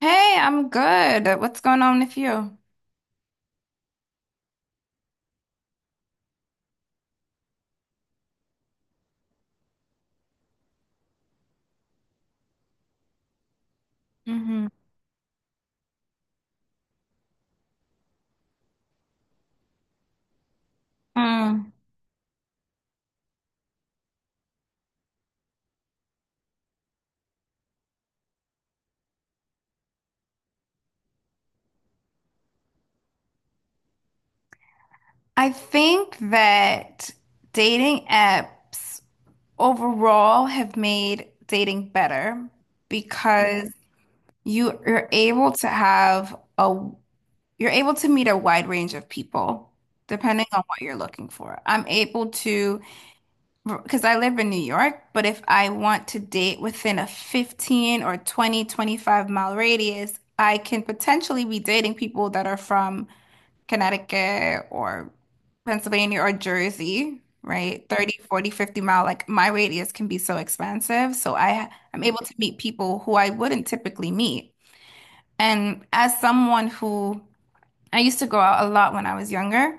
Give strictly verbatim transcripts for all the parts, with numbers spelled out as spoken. Hey, I'm good. What's going on with you? Hmm. Mm. I think that dating apps overall have made dating better because you you're able to have a you're able to meet a wide range of people depending on what you're looking for. I'm able to because I live in New York, but if I want to date within a fifteen or twenty, twenty-five mile radius, I can potentially be dating people that are from Connecticut or Pennsylvania or Jersey, right? Thirty, forty, fifty mile, like my radius can be so expansive. So I I'm able to meet people who I wouldn't typically meet. And as someone who I used to go out a lot when I was younger,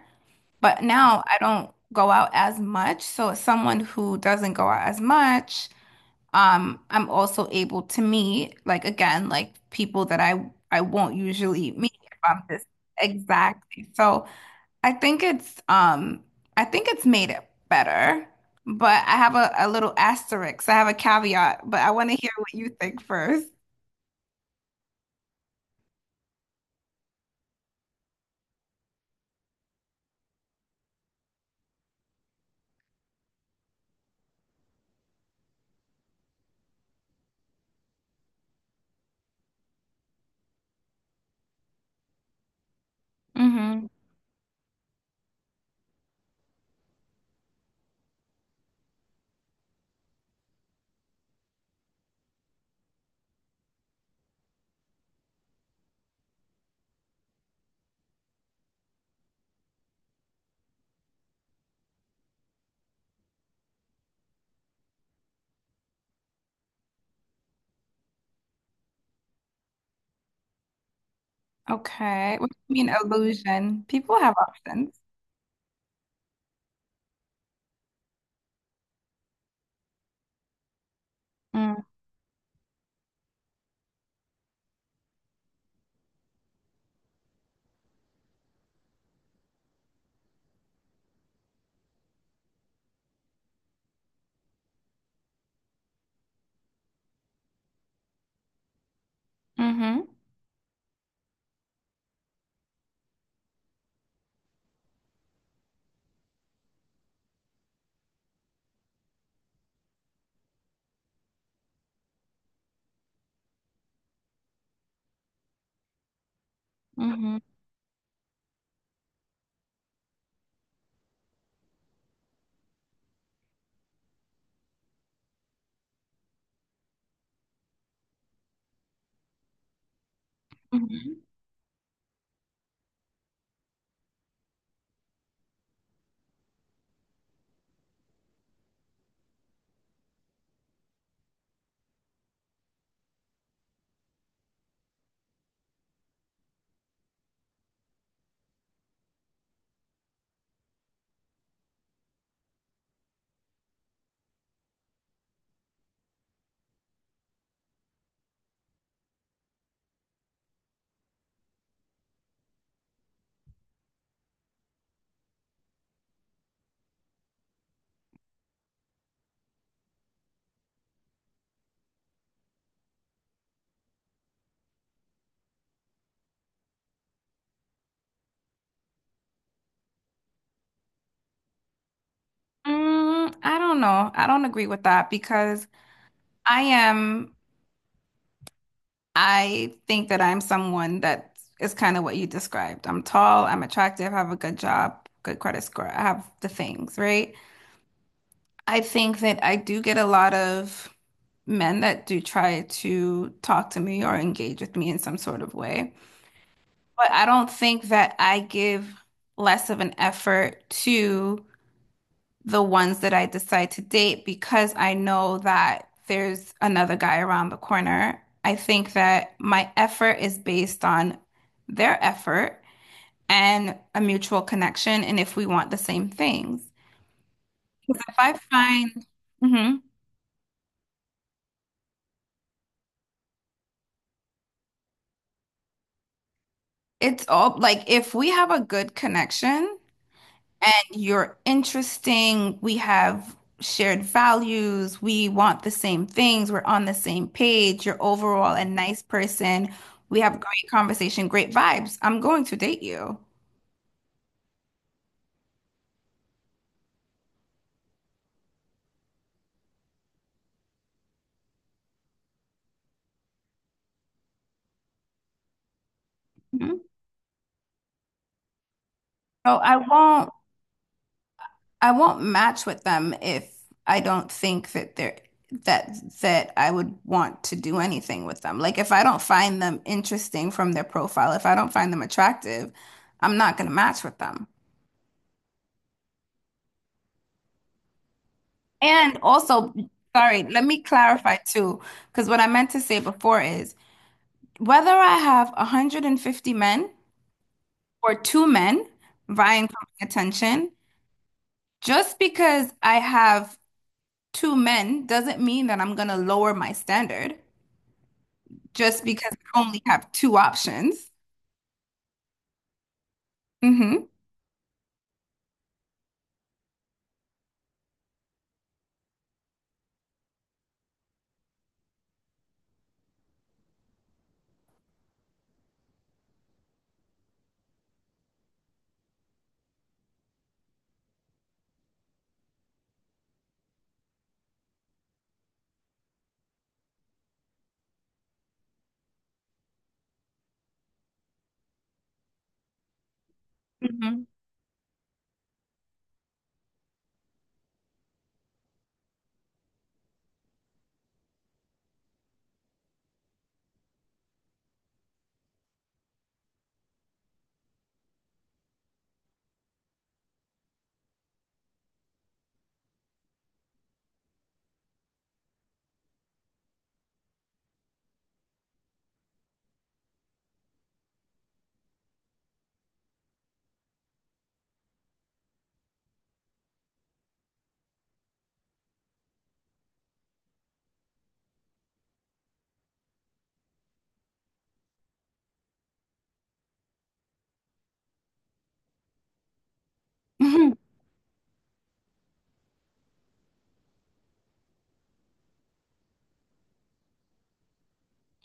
but now I don't go out as much. So as someone who doesn't go out as much, um, I'm also able to meet, like, again, like people that I I won't usually meet if I'm just Exactly. So I think it's um I think it's made it better, but I have a, a little asterisk. I have a caveat, but I want to hear what you think first. Mm-hmm. Okay. What do you mean illusion? People have options. Mm-hmm. Mm-hmm. Mm-hmm. Mm, I don't know. I don't agree with that because I am, I think that I'm someone that is kind of what you described. I'm tall, I'm attractive, have a good job, good credit score. I have the things, right? I think that I do get a lot of men that do try to talk to me or engage with me in some sort of way. But I don't think that I give less of an effort to the ones that I decide to date because I know that there's another guy around the corner. I think that my effort is based on their effort and a mutual connection, and if we want the same things. Because if I find Mhm. It's all like if we have a good connection, and you're interesting. We have shared values. We want the same things. We're on the same page. You're overall a nice person. We have great conversation, great vibes. I'm going to date you. Mhm. So I won't I won't match with them if I don't think that they're that that I would want to do anything with them. Like if I don't find them interesting from their profile, if I don't find them attractive, I'm not going to match with them. And also, sorry, let me clarify too, because what I meant to say before is whether I have one hundred fifty men or two men vying for my attention, just because I have two men doesn't mean that I'm going to lower my standard just because I only have two options. Hmm. Hmm. Hmm.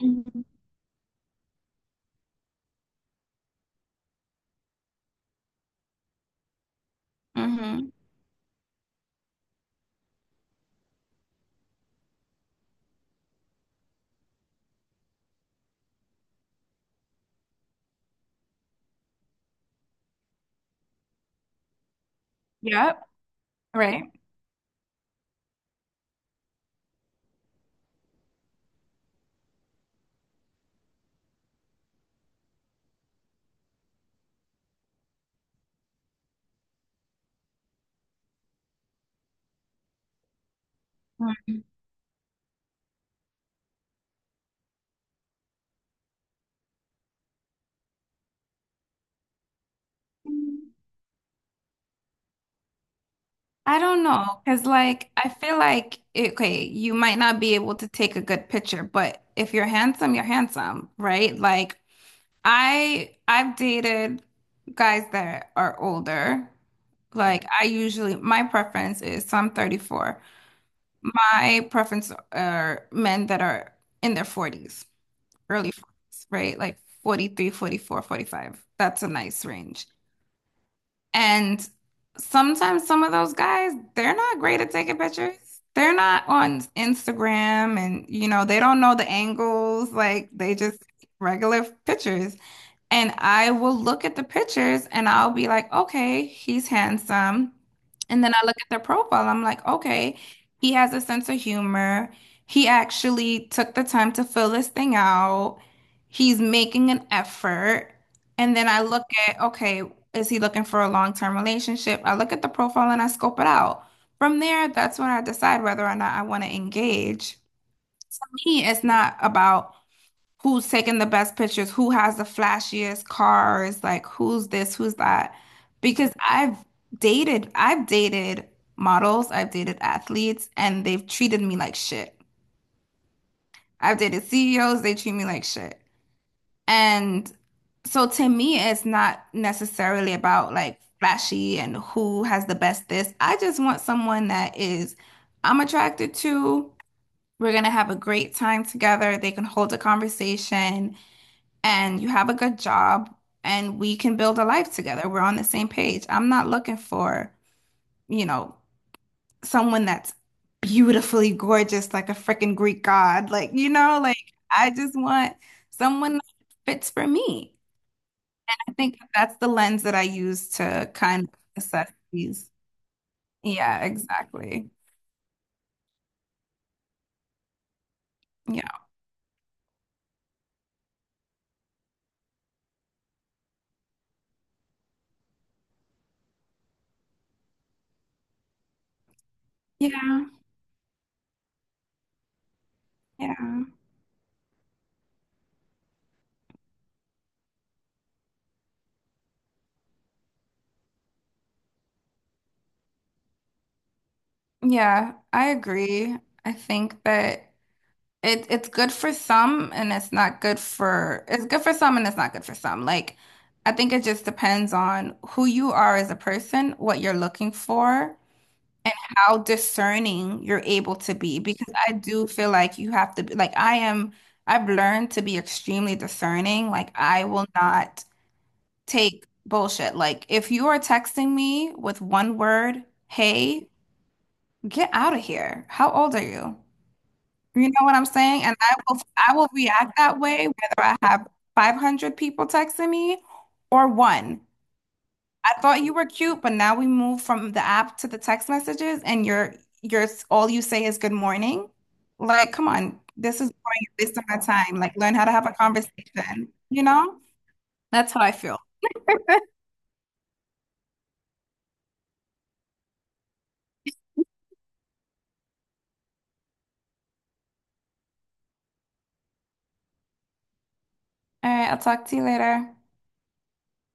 Hmm. Hmm. Yep. Right. Mhm. I don't know, because like I feel like it- okay, you might not be able to take a good picture, but if you're handsome, you're handsome, right? Like I I've dated guys that are older. Like I usually my preference is, so I'm thirty-four. My preference are men that are in their forties, early forties, right? Like forty-three, forty-four, forty-five. That's a nice range. And sometimes some of those guys, they're not great at taking pictures. They're not on Instagram and, you know, they don't know the angles. Like they just regular pictures. And I will look at the pictures and I'll be like, okay, he's handsome. And then I look at their profile. I'm like, okay, he has a sense of humor. He actually took the time to fill this thing out. He's making an effort. And then I look at, okay, is he looking for a long-term relationship? I look at the profile and I scope it out. From there, that's when I decide whether or not I want to engage. For me, it's not about who's taking the best pictures, who has the flashiest cars, like who's this, who's that. Because I've dated, I've dated models, I've dated athletes, and they've treated me like shit. I've dated C E Os, they treat me like shit. And so to me, it's not necessarily about like flashy and who has the best this. I just want someone that is I'm attracted to. We're gonna have a great time together. They can hold a conversation and you have a good job and we can build a life together. We're on the same page. I'm not looking for, you know, someone that's beautifully gorgeous like a freaking Greek god. Like, you know, like I just want someone that fits for me. I think that's the lens that I use to kind of assess these. Yeah, exactly. Yeah. Yeah. Yeah. Yeah, I agree. I think that It it's good for some and it's not good for it's good for some and it's not good for some. Like I think it just depends on who you are as a person, what you're looking for, how discerning you're able to be. Because I do feel like you have to be like I am. I've learned to be extremely discerning. Like I will not take bullshit. Like if you are texting me with one word, hey, get out of here. How old are you? You know what I'm saying? And I will I will react that way whether I have five hundred people texting me or one. I thought you were cute, but now we move from the app to the text messages and you're you're all you say is good morning. Like, come on, this is boring. You're wasting my time. Like, learn how to have a conversation, you know? That's how I feel. All right, I'll talk to you later.